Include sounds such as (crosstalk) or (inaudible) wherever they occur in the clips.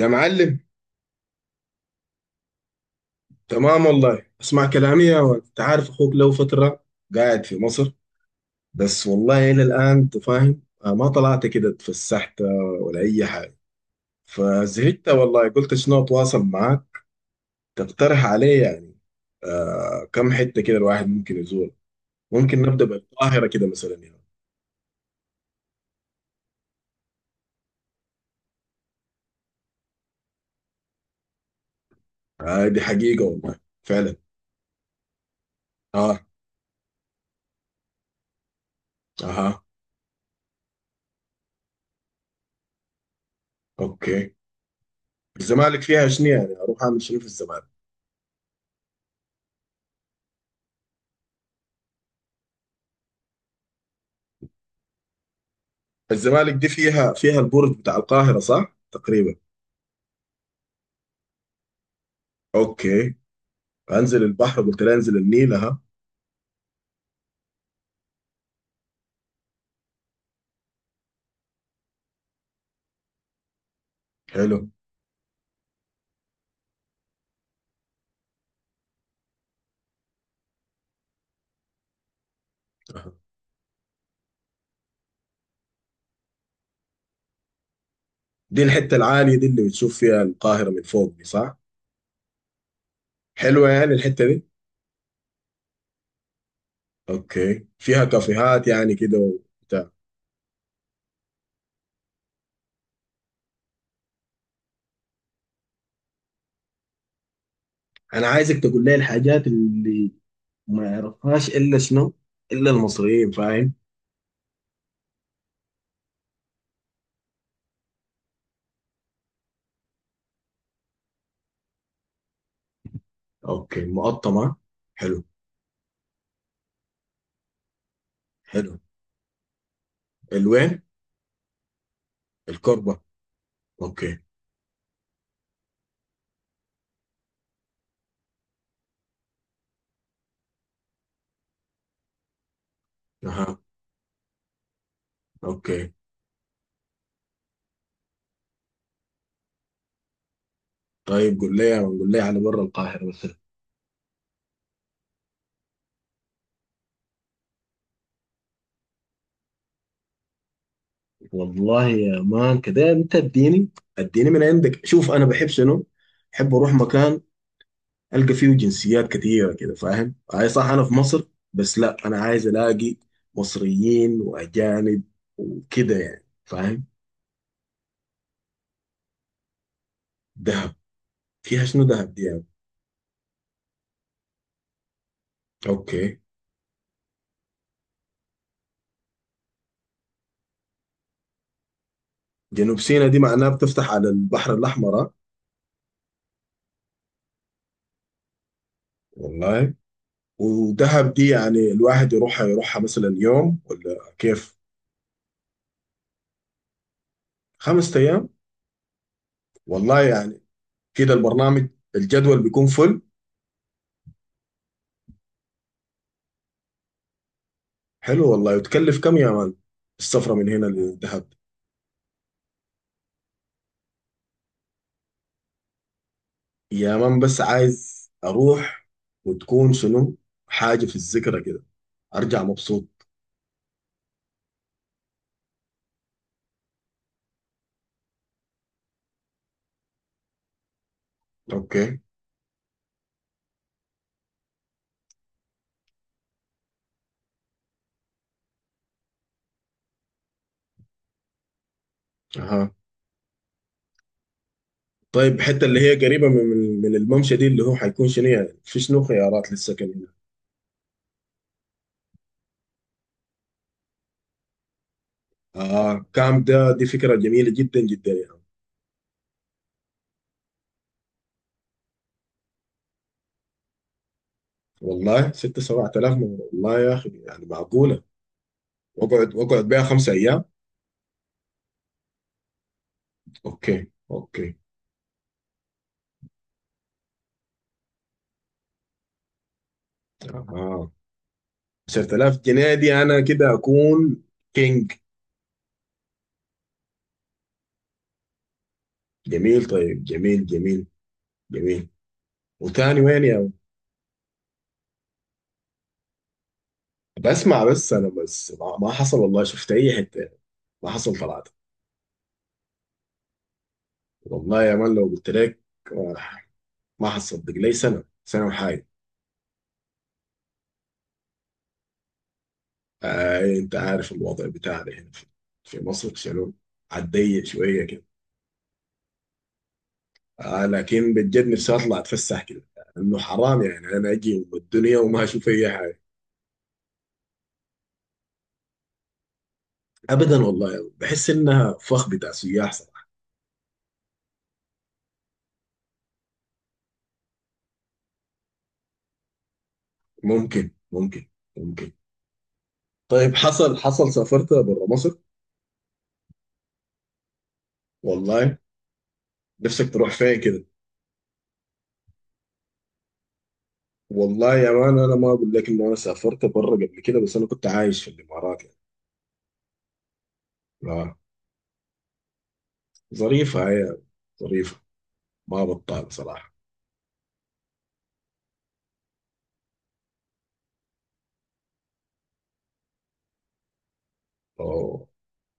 يا معلم. تمام والله، اسمع كلامي يا ولد، انت عارف اخوك له فترة قاعد في مصر. بس والله الى الان انت فاهم، ما طلعت كده اتفسحت ولا اي حاجة. فزهقت والله، قلت شنو اتواصل معاك. تقترح علي يعني. كم حتة كده الواحد ممكن يزور؟ ممكن نبدأ بالقاهرة كده مثلا يعني. آه، دي حقيقة والله فعلا. اه. اها. اوكي. الزمالك فيها شنو يعني، اروح اعمل شنو في الزمالك؟ الزمالك دي فيها البرج بتاع القاهرة، صح تقريبا؟ اوكي. انزل البحر قلت لها، انزل النيل. اها. حلو. أها. دي الحته العاليه دي اللي بتشوف فيها القاهره من فوق دي، صح؟ حلوه يعني الحته دي؟ اوكي، فيها كافيهات يعني كده وبتاع؟ انا عايزك تقول لي الحاجات اللي ما يعرفهاش الا شنو، الا المصريين، فاهم؟ اوكي، المقطمه. حلو. حلو. الوين؟ الكربه. اوكي. اها. اوكي. طيب قول لي، قول لي على برا القاهره بس. والله يا مان، كده انت اديني من عندك، شوف انا بحب شنو، بحب اروح مكان. القى فيه جنسيات كتيره كده، فاهم، اي صح، انا في مصر. بس لا انا عايز الاقي مصريين واجانب، وكده يعني، فاهم؟ دهب؟ فيها شنو دهب دي يعني؟ اوكي. جنوب سيناء دي معناها بتفتح على البحر الاحمر، ها؟ والله. ودهب دي يعني الواحد يروحها مثلا يوم ولا كيف؟ 5 ايام. والله يعني كده البرنامج، الجدول بيكون فل. حلو والله. وتكلف كم يا مان السفرة من هنا للدهب؟ يا مان بس عايز أروح، وتكون شنو، حاجة في الذكرى كده، أرجع مبسوط. أوكي. أها. طيب الحتة اللي هي قريبة من الممشى دي، اللي هو حيكون شنو يعني، في شنو خيارات للسكن هنا؟ كام ده، دي فكرة جميلة جدا جدا يعني. والله 6-7 آلاف والله يا أخي يعني معقولة. وأقعد بيها 5 أيام. أوكي، أوكي. آه. 10,000 جنيه دي انا كده اكون كينج. جميل. طيب جميل، جميل، جميل. وتاني وين يا... بسمع بس، انا بس ما حصل والله شفت اي حته. ما حصل طلعت. والله يا مان لو قلت لك، آه، ما حصدق لي سنه وحاجه. انت عارف الوضع بتاعنا هنا في مصر شنو. عالضيق شويه كده. لكن بجد نفسي اطلع اتفسح كده. انه حرام يعني، انا اجي ام الدنيا وما اشوف اي حاجه. ابدا والله بحس انها فخ بتاع سياح. ممكن، ممكن، ممكن. طيب حصل سافرت بره مصر؟ والله. نفسك تروح فين كده؟ والله يا مان، انا ما اقول لك انه انا سافرت بره قبل كده، بس انا كنت عايش في الامارات يعني. آه. ظريفه هي، ظريفه. ما بطال صراحه. اوه،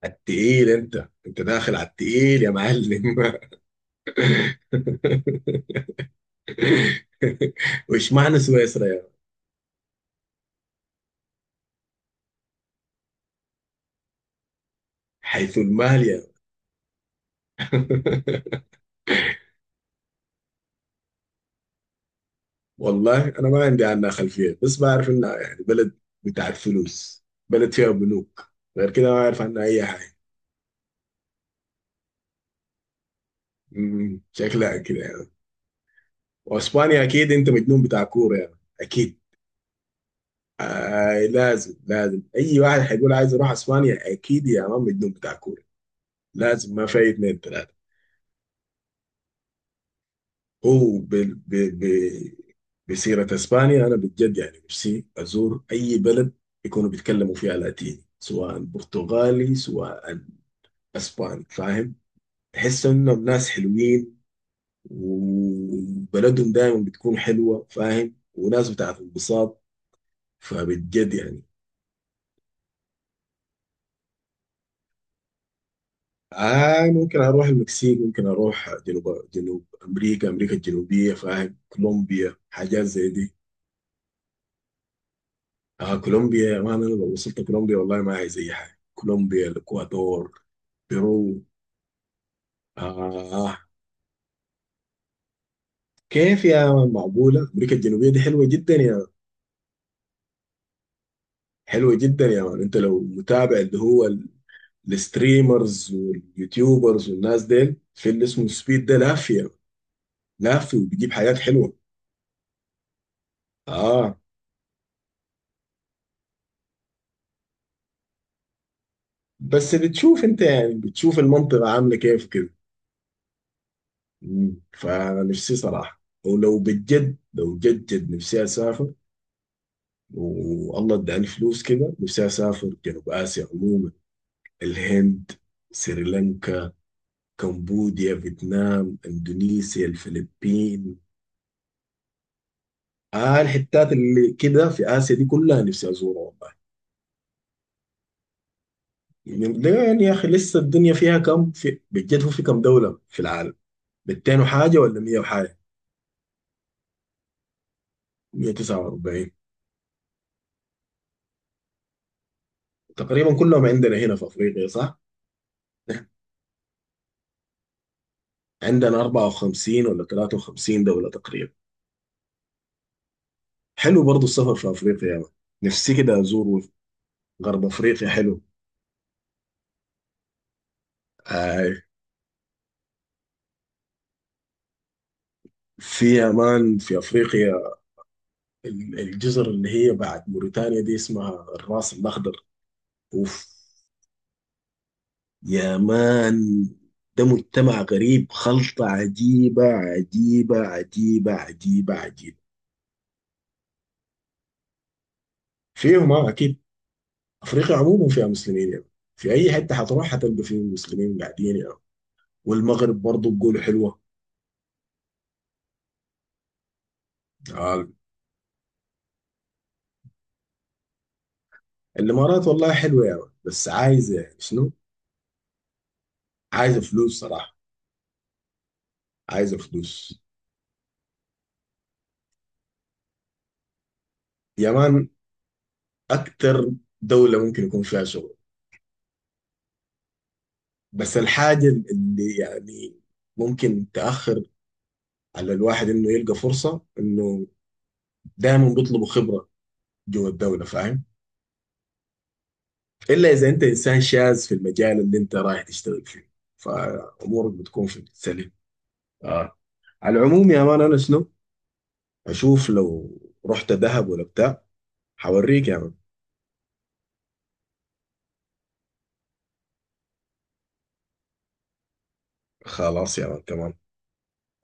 على التقيل. انت داخل على التقيل يا معلم (laughs) وش معنى سويسرا يا مان؟ حيث المال يا مان. (laughs) والله انا ما عندي عنها خلفيه، بس بعرف انها يعني بلد بتاعت فلوس، بلد فيها بنوك. غير كده ما اعرف عنها اي حاجه. شكلها كده يعني. واسبانيا اكيد، انت مجنون بتاع كوره يعني، اكيد. آه، لازم لازم، اي واحد هيقول عايز اروح اسبانيا اكيد يا مان مجنون بتاع كوره. لازم، ما في اثنين ثلاثه. هو بسيره اسبانيا، انا بجد يعني نفسي ازور اي بلد يكونوا بيتكلموا فيها لاتيني، سواء برتغالي سواء اسباني، فاهم؟ تحس انهم ناس حلوين، وبلدهم دايما بتكون حلوه، فاهم، وناس بتاعت انبساط. فبجد يعني. آه، ممكن اروح المكسيك، ممكن اروح جنوب جنوب امريكا امريكا الجنوبيه، فاهم، كولومبيا، حاجات زي دي. كولومبيا، ما انا لو وصلت كولومبيا والله ما عايز اي حاجه. كولومبيا، الاكوادور، بيرو. آه كيف يا مان معقولة؟ أمريكا الجنوبية دي حلوة جدا يا مان. حلوة جدا يا مان. أنت لو متابع اللي هو الستريمرز واليوتيوبرز والناس ديل، في اللي اسمه سبيد ده لافية. لافي وبيجيب حاجات حلوة. اه بس بتشوف انت، يعني بتشوف المنطقة عاملة كيف كده. مم. فانا نفسي صراحة، ولو بجد لو جد جد نفسي اسافر. والله اداني فلوس كده، نفسي اسافر جنوب اسيا عموما. الهند، سريلانكا، كمبوديا، فيتنام، اندونيسيا، الفلبين. الحتات اللي كده في آسيا دي كلها نفسي أزورها. ده يعني يا اخي لسه الدنيا فيها كم، في بجد هو في كم دولة في العالم؟ 200 وحاجة ولا 100 وحاجة؟ 149؟ تقريبا كلهم عندنا هنا في افريقيا، صح؟ عندنا 54 ولا 53 دولة تقريبا. حلو برضو السفر في افريقيا يا مان. نفسي كده ازور غرب افريقيا، حلو. آه، في امان في افريقيا. الجزر اللي هي بعد موريتانيا دي اسمها الراس الاخضر. اوف يا مان، ده مجتمع غريب، خلطة عجيبة، عجيبة، عجيبة، عجيبة، عجيبة. فيهم اه اكيد. افريقيا عموما فيها مسلمين يعني، في اي حته حتروح حتلقى فيه مسلمين قاعدين يعني. والمغرب برضه بيقولوا حلوه. آه. الامارات والله حلوه يعني، بس عايزه يعني شنو؟ عايزه فلوس صراحه. عايزه فلوس يمان، اكثر دوله ممكن يكون فيها شغل. بس الحاجه اللي يعني ممكن تاخر على الواحد انه يلقى فرصه، انه دايما بيطلبوا خبره جوه الدوله، فاهم. الا اذا انت انسان شاذ في المجال اللي انت رايح تشتغل فيه، فامورك بتكون في السليم. آه. على العموم يا مان انا شنو، اشوف لو رحت دهب ولا بتاع، حوريك يا مان. خلاص يا مان، تمام.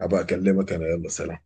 ابى اكلمك انا، يلا سلام.